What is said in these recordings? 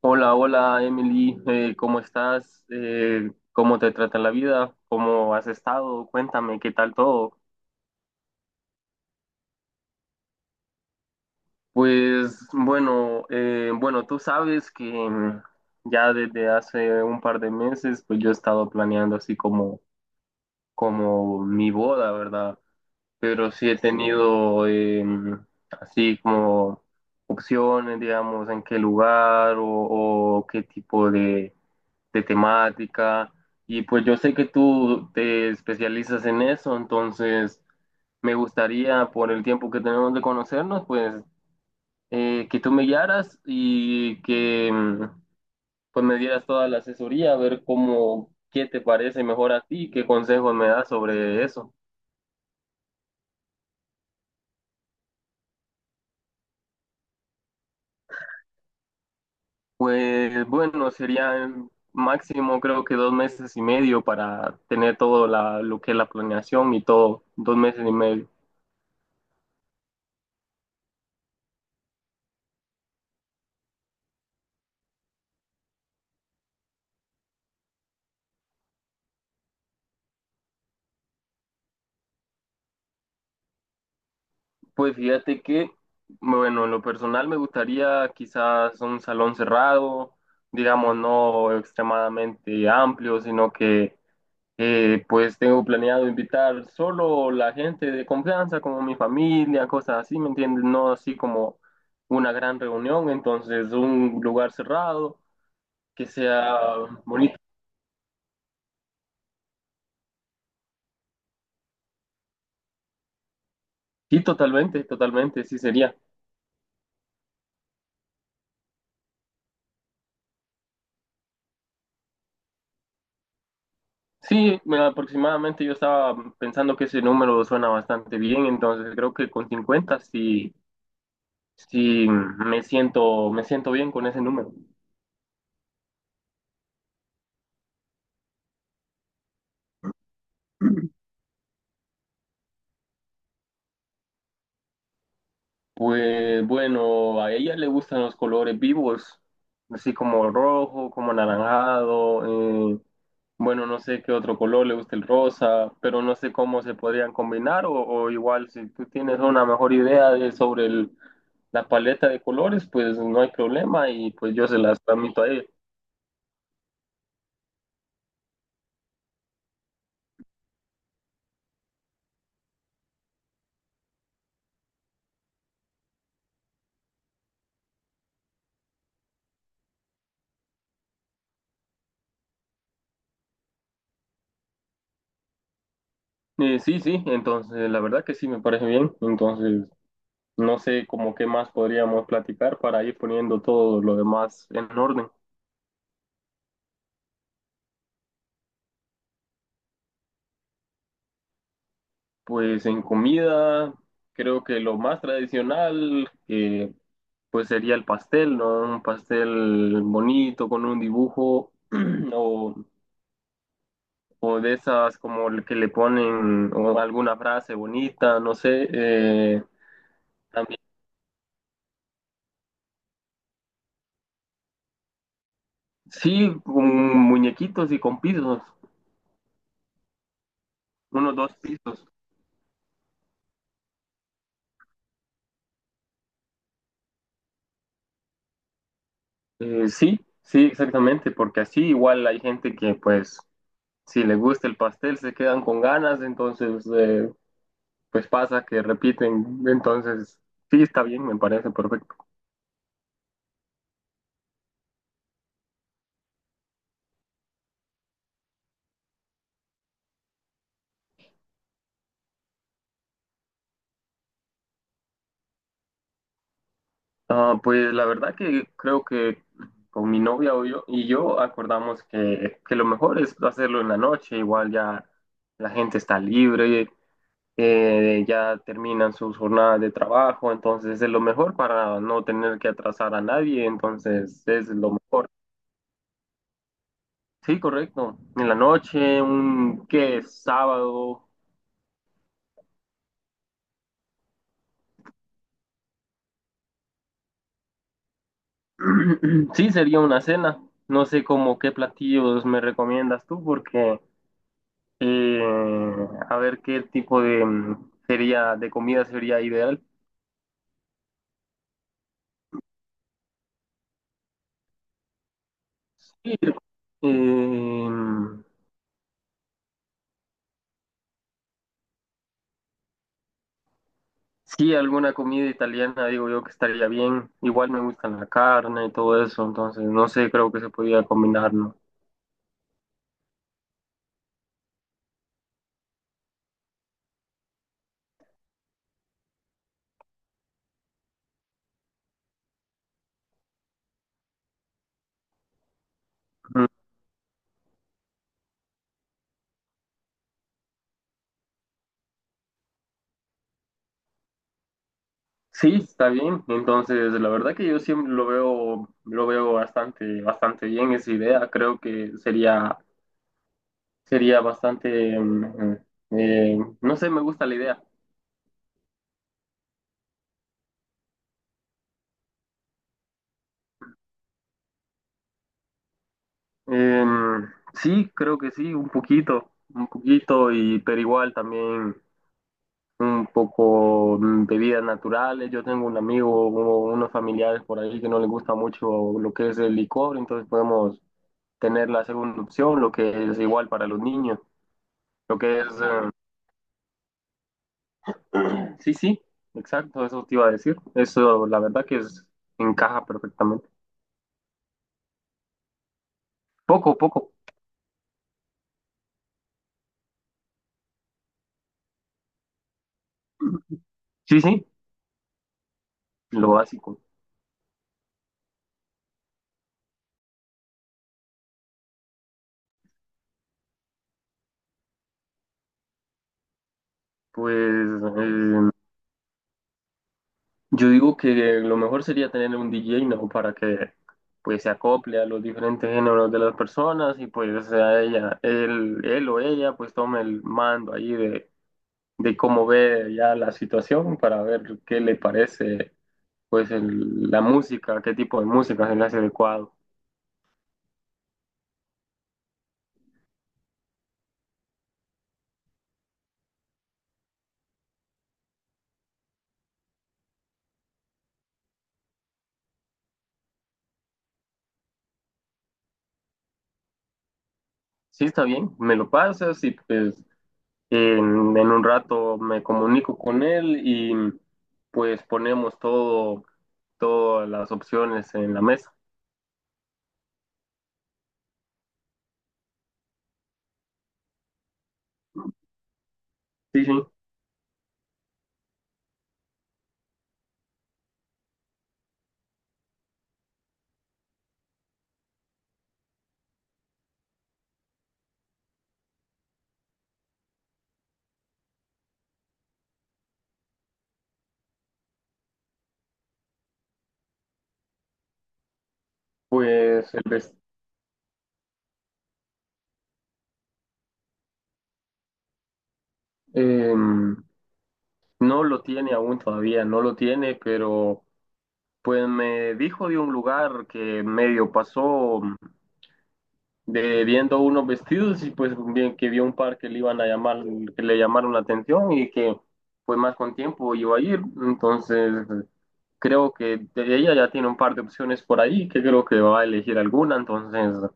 Hola, hola Emily. ¿cómo estás? ¿cómo te trata la vida? ¿Cómo has estado? Cuéntame, ¿qué tal todo? Pues bueno, bueno, tú sabes que ya desde hace un par de meses, pues yo he estado planeando así como, como mi boda, ¿verdad? Pero sí he tenido así como opciones, digamos, en qué lugar o qué tipo de temática. Y pues yo sé que tú te especializas en eso, entonces me gustaría, por el tiempo que tenemos de conocernos, pues que tú me guiaras y que pues me dieras toda la asesoría, a ver cómo, qué te parece mejor a ti, qué consejos me das sobre eso. Pues bueno, sería máximo creo que dos meses y medio para tener todo lo que es la planeación y todo, dos meses y medio. Pues fíjate que, bueno, en lo personal me gustaría quizás un salón cerrado, digamos, no extremadamente amplio, sino que pues tengo planeado invitar solo la gente de confianza, como mi familia, cosas así, ¿me entiendes? No así como una gran reunión, entonces un lugar cerrado que sea bonito, sí, totalmente, totalmente, sí sería. Sí, aproximadamente yo estaba pensando que ese número suena bastante bien, entonces creo que con 50 sí, me siento bien con ese número. Pues bueno, a ella le gustan los colores vivos, así como rojo, como anaranjado, bueno, no sé qué otro color le gusta el rosa, pero no sé cómo se podrían combinar o igual si tú tienes una mejor idea de, sobre la paleta de colores, pues no hay problema y pues yo se las transmito a ella. Sí, sí, entonces la verdad que sí me parece bien. Entonces, no sé cómo qué más podríamos platicar para ir poniendo todo lo demás en orden. Pues en comida, creo que lo más tradicional pues sería el pastel, ¿no? Un pastel bonito con un dibujo o, o de esas como el que le ponen o alguna frase bonita, no sé. También, sí, con muñequitos y con pisos, unos dos pisos. Sí, sí, exactamente, porque así igual hay gente que pues si le gusta el pastel se quedan con ganas, entonces pues pasa que repiten, entonces sí está bien, me parece perfecto. Ah, pues la verdad que creo que con mi novia o yo, y yo acordamos que lo mejor es hacerlo en la noche, igual ya la gente está libre, ya terminan sus jornadas de trabajo, entonces es lo mejor para no tener que atrasar a nadie, entonces es lo mejor. Sí, correcto. En la noche, un qué sábado. Sí, sería una cena. No sé cómo qué platillos me recomiendas tú, porque eh, a ver qué tipo de sería de comida sería ideal. Sí, eh, sí, alguna comida italiana, digo yo que estaría bien. Igual me gusta la carne y todo eso, entonces no sé, creo que se podría combinar, ¿no? Sí, está bien. Entonces, la verdad que yo siempre lo veo bastante, bastante bien esa idea. Creo que sería, sería eh, no sé, me gusta la idea. Em, sí, creo que sí, un poquito, y pero igual también un poco bebidas naturales. Yo tengo un amigo, o unos familiares por ahí que no les gusta mucho lo que es el licor, entonces podemos tener la segunda opción, lo que es igual para los niños, lo que es sí, sí, exacto, eso te iba a decir. Eso, la verdad que es, encaja perfectamente. Poco, poco. Sí, sí, lo básico. Pues yo digo que lo mejor sería tener un DJ, ¿no? Para que pues se acople a los diferentes géneros de las personas y pues sea ella, él o ella pues tome el mando ahí de cómo ve ya la situación para ver qué le parece pues la música, qué tipo de música se le hace adecuado. Sí, está bien, me lo pasas y pues en un rato me comunico con él y pues ponemos todo, todas las opciones en la mesa. Sí, sí, pues em, no lo tiene aún todavía, no lo tiene, pero pues me dijo de un lugar que medio pasó de viendo unos vestidos y pues bien que vio un par que le iban a llamar, que le llamaron la atención y que pues más con tiempo iba a ir. Entonces creo que de ella ya tiene un par de opciones por ahí, que creo que va a elegir alguna. Entonces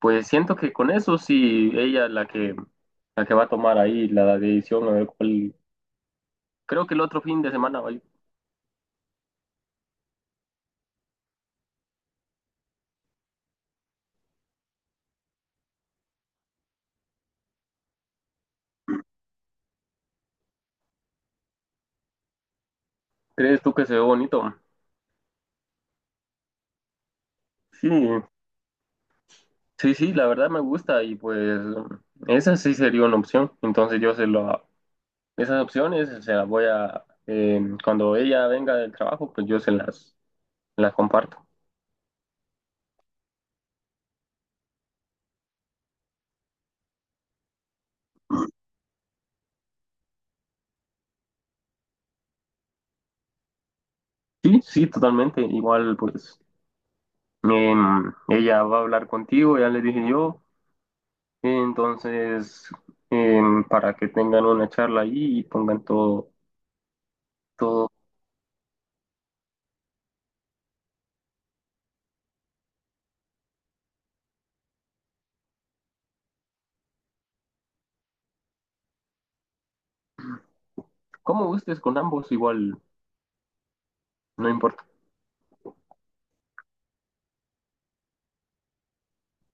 pues siento que con eso sí, ella es la que va a tomar ahí la decisión, a ver cuál. Creo que el otro fin de semana, ay, ¿crees tú que se ve bonito? Sí, sí, sí, la verdad me gusta y pues esa sí sería una opción. Entonces yo se lo, esas opciones se las voy a, cuando ella venga del trabajo, pues yo se las comparto. Sí, sí, totalmente. Igual, pues ella va a hablar contigo, ya le dije yo. Entonces, para que tengan una charla ahí y pongan todo, todo, como gustes con ambos, igual, no importa.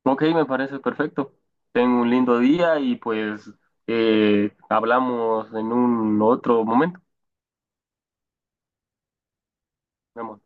Ok, me parece perfecto. Tengo un lindo día y pues hablamos en un otro momento. Nos vemos.